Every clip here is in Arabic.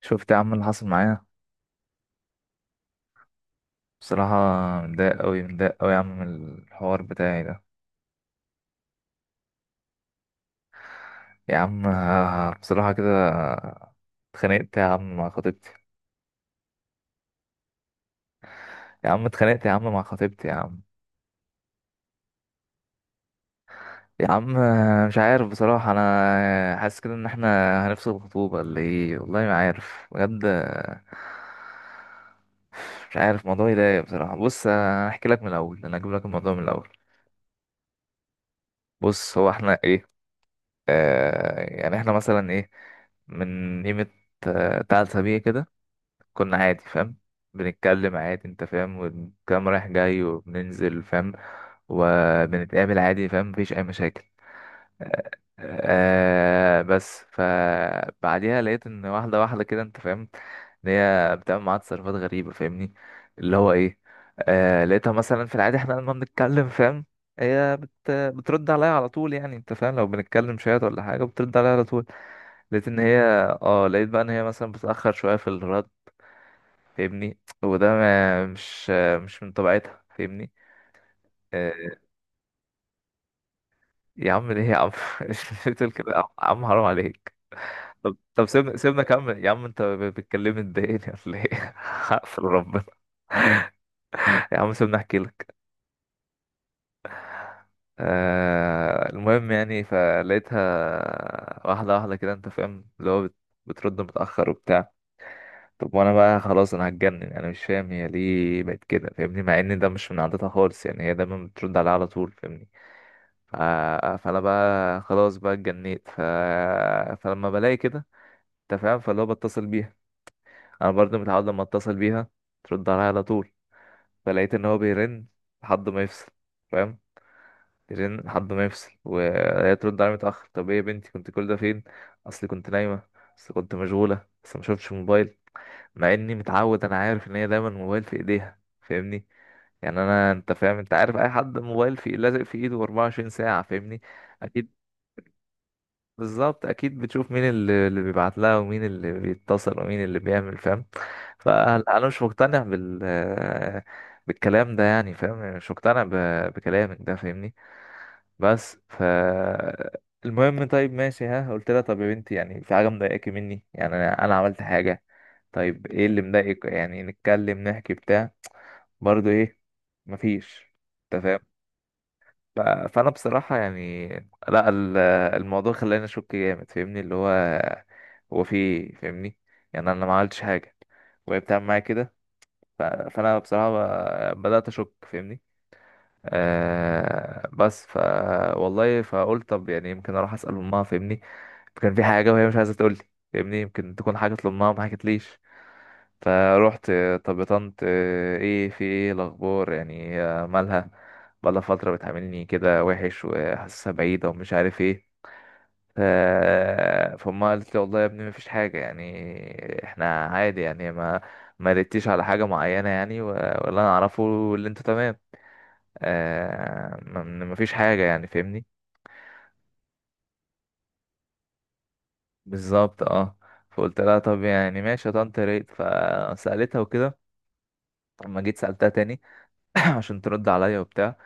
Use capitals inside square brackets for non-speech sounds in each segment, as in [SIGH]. شفت يا عم اللي حصل معايا؟ بصراحة متضايق أوي متضايق أوي يا عم من الحوار بتاعي ده يا عم. [LAUGHS] بصراحة كده اتخانقت يا عم مع خطيبتي يا عم. اتخانقت يا عم مع خطيبتي يا عم يا عم. مش عارف بصراحة، أنا حاسس كده إن احنا هنفصل الخطوبة اللي إيه، والله ما عارف بجد. مش عارف، الموضوع يضايق بصراحة. بص، أحكي لك من الأول، أنا هجيب لك الموضوع من الأول. بص هو احنا إيه، يعني احنا مثلا إيه، من قيمة تلات أسابيع كده كنا عادي فاهم. بنتكلم عادي انت فاهم، والكلام رايح جاي وبننزل فاهم وبنتقابل عادي فاهم، مفيش اي مشاكل. آه بس فبعديها لقيت ان واحدة واحدة كده انت فاهم ان هي بتعمل معاها تصرفات غريبة فاهمني. اللي هو ايه، لقيتها مثلا في العادي احنا لما بنتكلم فاهم، هي بترد عليا على طول. يعني انت فاهم لو بنتكلم شوية ولا حاجة بترد عليا على طول. لقيت ان هي، اه لقيت بقى ان هي مثلا بتأخر شوية في الرد فاهمني. وده ما مش مش من طبيعتها فاهمني. آه، يا عم ليه يا عم؟ [LAUGHS] مش بتقول كده يا عم، حرام عليك. طب سيبنا كمل يا عم، انت بتكلمني تضايقني ولا ايه؟ [LAUGHS] اقفل ربنا. يا عم سيبنا احكي لك. المهم يعني فلقيتها واحده واحده كده انت فاهم، اللي هو بترد متاخر وبتاع. طب وانا بقى خلاص انا هتجنن، انا مش فاهم هي ليه بقت كده فاهمني، مع ان ده مش من عادتها خالص، يعني هي دايما بترد عليا على طول فاهمني. ف- فانا بقى خلاص بقى اتجنيت. فلما بلاقي كده انت فاهم، فاللي هو بتصل بيها، انا برضه متعود لما اتصل بيها ترد عليا على طول. فلقيت ان هو بيرن لحد ما يفصل فاهم، يرن لحد ما يفصل، وهي ترد عليا متاخر. طب ايه يا بنتي كنت كل ده فين؟ اصلي كنت نايمه، اصل كنت مشغوله بس ما شفتش موبايل. مع اني متعود، انا عارف ان هي دايما الموبايل في ايديها فاهمني. يعني انا انت فاهم، انت عارف اي حد موبايل في لازق في ايده 24 ساعه فاهمني. اكيد، بالظبط اكيد، بتشوف مين اللي بيبعت لها ومين اللي بيتصل ومين اللي بيعمل فاهم. فانا مش مقتنع بالكلام ده، يعني فاهم، يعني مش مقتنع بكلامك ده فاهمني. بس المهم. طيب ماشي، ها قلت لها طب يا بنتي يعني في حاجه مضايقاكي مني، يعني انا عملت حاجه؟ طيب ايه اللي مضايقك؟ يعني نتكلم نحكي بتاع برضو ايه؟ مفيش، انت فاهم؟ ف- فانا بصراحه يعني، لا الموضوع خلاني اشك جامد فاهمني، اللي هو هو في إيه؟ فاهمني. يعني انا ما عملتش حاجه وهي بتعمل معايا كده. فانا بصراحه بدات اشك فاهمني. بس والله فقلت طب يعني يمكن اروح اسال امها فاهمني، كان في حاجه وهي مش عايزه تقول لي فاهمني، يمكن تكون حاجه لامها ما حكتليش. فروحت. طب طنط، ايه في ايه الاخبار، يعني هي مالها؟ بقالها فتره بتعاملني كده وحش، وحاسسها بعيده ومش عارف ايه. ف- فامها قالت لي والله يا ابني مفيش حاجه، يعني احنا عادي يعني ما ردتيش على حاجه معينه يعني، ولا انا اعرفه، اللي انتوا تمام. مفيش حاجه يعني فاهمني. بالظبط اه. فقلت لها طب يعني ماشي يا طنط يا ريت. فسالتها وكده، لما جيت سالتها تاني. [COUGHS] [CLEARS THROAT] عشان ترد عليا وبتاع.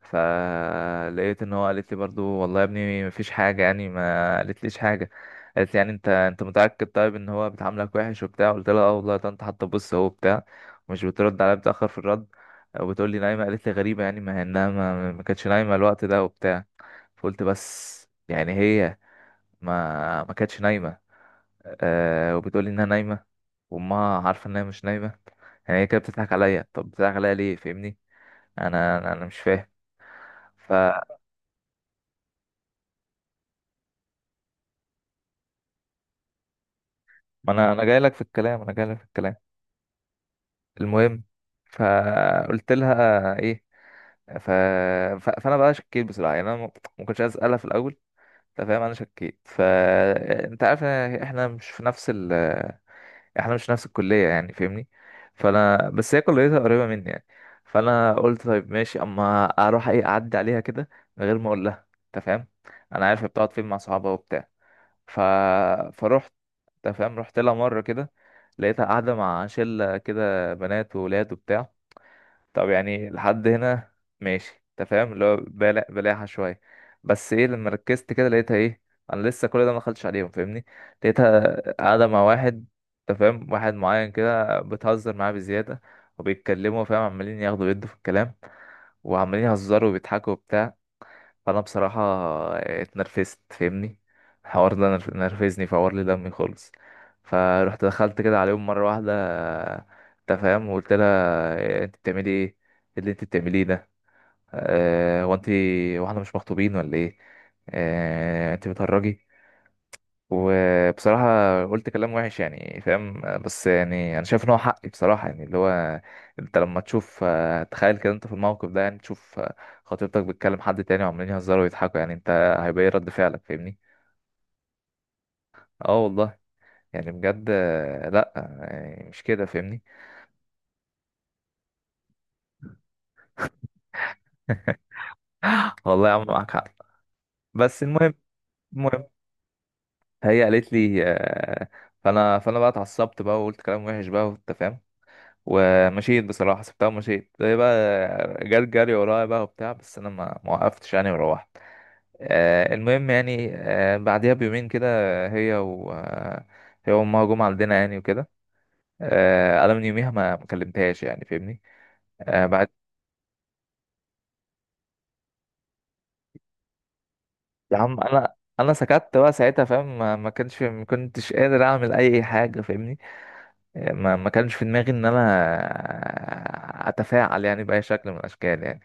فلقيت ان هو قالت لي برضو والله يا ابني مفيش حاجه يعني، ما قالت ليش حاجه. قالت لي يعني انت متاكد طيب ان هو بتعاملك وحش وبتاع؟ قلت لها اه والله يا طنط، حتى بص هو بتاع، مش بترد عليا، بتاخر في الرد وبتقول لي نايمه. قالت لي غريبه يعني، ما هي انها ما كانتش نايمه الوقت ده وبتاع. فقلت بس يعني هي ما كانتش نايمه، أه وبتقول لي انها نايمه، وامها عارفه انها مش نايمه. يعني هي كده بتضحك عليا، طب بتضحك عليا ليه فاهمني؟ انا أنا مش فاهم. ما انا جاي لك في الكلام، انا جاي لك في الكلام. المهم، فقلت لها ايه، ف... فانا بقى شكيت بصراحه، يعني انا ما كنتش عايز اسالها في الاول، انت فاهم انا شكيت. فانت عارف إن احنا مش في نفس احنا مش في نفس الكليه يعني فاهمني، فانا بس هي كليتها قريبه مني يعني. فانا قلت طيب ماشي، اما اروح، ايه، اعدي عليها كده من غير ما اقول لها انت فاهم، انا عارف هي بتقعد فين مع صحابها وبتاع. ف... فروحت، انت فاهم رحت لها مره كده. لقيتها قاعده مع شله كده بنات وولاد وبتاع. طب يعني لحد هنا ماشي انت فاهم، اللي هو بلاحه شويه. بس ايه، لما ركزت كده لقيتها ايه، انا لسه كل ده ما دخلتش عليهم فاهمني، لقيتها قاعده مع واحد، انت فاهم واحد معين كده، بتهزر معاه بزياده وبيتكلموا فاهم، عمالين ياخدوا يدوا في الكلام، وعمالين يهزروا وبيضحكوا وبتاع. فانا بصراحه اتنرفزت فاهمني. الحوار ده نرفزني، فور لي دمي خالص. فروحت دخلت كده عليهم مره واحده، انت فاهم، وقلت لها انت بتعملي ايه؟ إيه اللي انت بتعمليه ده، هو انت واحنا مش مخطوبين ولا ايه؟ انت بتهرجي؟ وبصراحة قلت كلام وحش يعني فاهم، بس يعني أنا شايف إن هو حقي بصراحة. يعني اللي هو أنت لما تشوف تخيل كده أنت في الموقف ده، يعني تشوف خطيبتك بتكلم حد تاني وعمالين يهزروا ويضحكوا، يعني أنت هيبقى إيه رد فعلك فاهمني؟ أه والله، يعني بجد لأ، يعني مش كده فاهمني؟ [GASPS] [LAUGHS] والله يا عم معاك حق. بس المهم، المهم هي قالت لي فأنا بقى اتعصبت بقى، وقلت كلام وحش بقى، وأنت فاهم، ومشيت بصراحة، سبتها ومشيت. هي بقى جت جري ورايا بقى وبتاع، بس أنا ما وقفتش يعني وروحت. المهم يعني بعديها بيومين كده هي و آه، هي وأمها جم عندنا يعني وكده. أنا من يوميها ما كلمتهاش يعني فاهمني. بعد، يا عم أنا سكت بقى ساعتها فاهم، ما كنتش قادر أعمل أي حاجة فاهمني. ما كانش في دماغي ان انا اتفاعل يعني باي شكل من الاشكال يعني.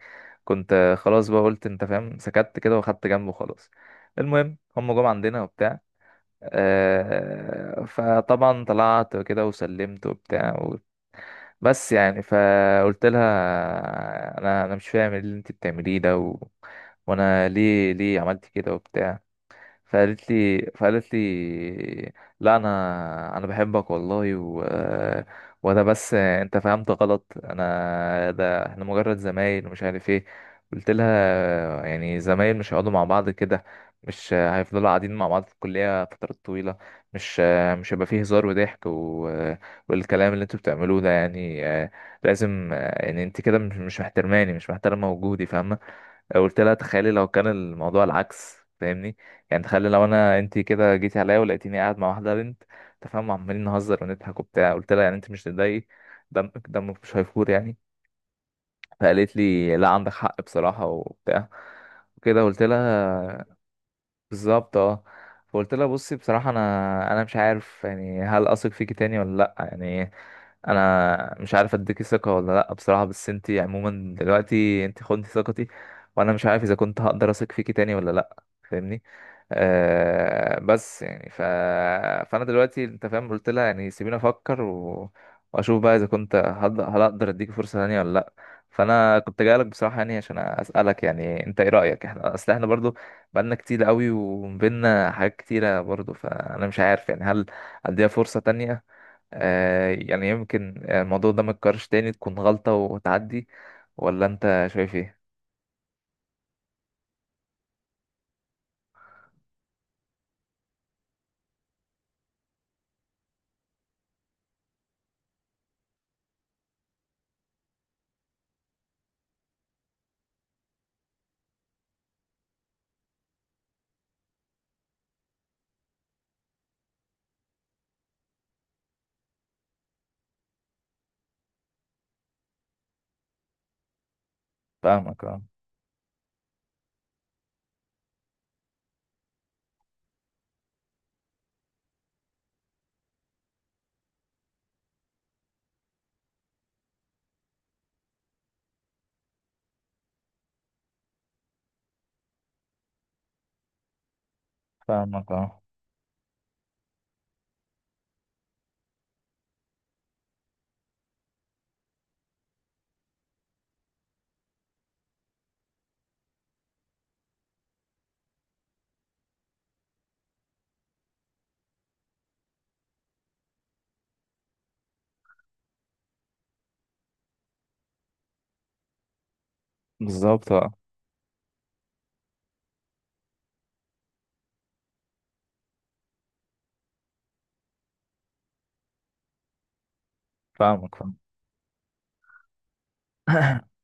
كنت خلاص بقى قلت انت فاهم سكت كده واخدت جنبه خلاص. المهم هم جم عندنا وبتاع، فطبعا طلعت كده وسلمت وبتاع بس يعني فقلت لها انا مش فاهم إيه اللي انت بتعمليه ده وانا ليه عملت كده وبتاع. فقالت لي لا انا بحبك والله وده بس انت فهمت غلط، انا ده احنا مجرد زمايل ومش عارف ايه. قلت لها يعني زمايل مش هيقعدوا مع بعض كده، مش هيفضلوا قاعدين مع بعض في الكلية فترات طويلة، مش مش هيبقى فيه هزار وضحك والكلام اللي انتوا بتعملوه ده يعني لازم يعني انت كده مش محترماني، مش محترمة وجودي فاهمة. قلت لها تخيلي لو كان الموضوع العكس فاهمني، يعني تخيلي لو انت كده جيتي عليا ولقيتيني قاعد مع واحده بنت، تفهم، عمالين نهزر ونضحك وبتاع. قلت لها يعني انت مش تضايقي؟ دمك مش هيفور يعني؟ فقالت لي لا عندك حق بصراحه وبتاع وكده. قلت لها بالظبط اه. فقلت لها بصي بصراحة انا مش عارف يعني هل اثق فيكي تاني ولا لا، يعني انا مش عارف اديكي ثقة ولا لا بصراحة، بس انتي عموما دلوقتي انتي خدتي ثقتي، وانا مش عارف اذا كنت هقدر اثق فيكي تاني ولا لا فاهمني. بس يعني فانا دلوقتي انت فاهم قلت لها يعني سيبيني افكر واشوف بقى اذا كنت هل اقدر اديكي فرصة تانية ولا لا. فانا كنت جاي لك بصراحه يعني عشان اسالك، يعني انت ايه رايك، احنا برضو بقالنا كتير قوي وبينا حاجات كتيرة برضو، فأنا مش عارف يعني هل أديها فرصة تانية؟ يعني يمكن الموضوع ده متكررش تاني، تكون غلطة وتعدي، ولا أنت شايف إيه؟ فاهمك اه. فاهمك اه. بالظبط اه. فاهمك فاهم. [COUGHS]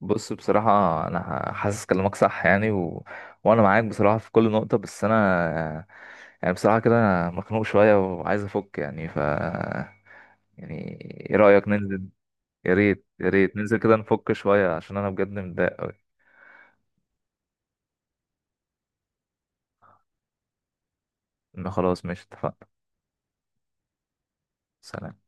بص بصراحة أنا حاسس كلامك صح يعني وأنا معاك بصراحة في كل نقطة، بس أنا يعني بصراحة كده أنا مخنوق شوية وعايز أفك يعني يعني إيه رأيك ننزل؟ يا ريت يا ريت ننزل كده نفك شوية، عشان أنا بجد متضايق أوي. إن خلاص ماشي اتفقنا. سلام.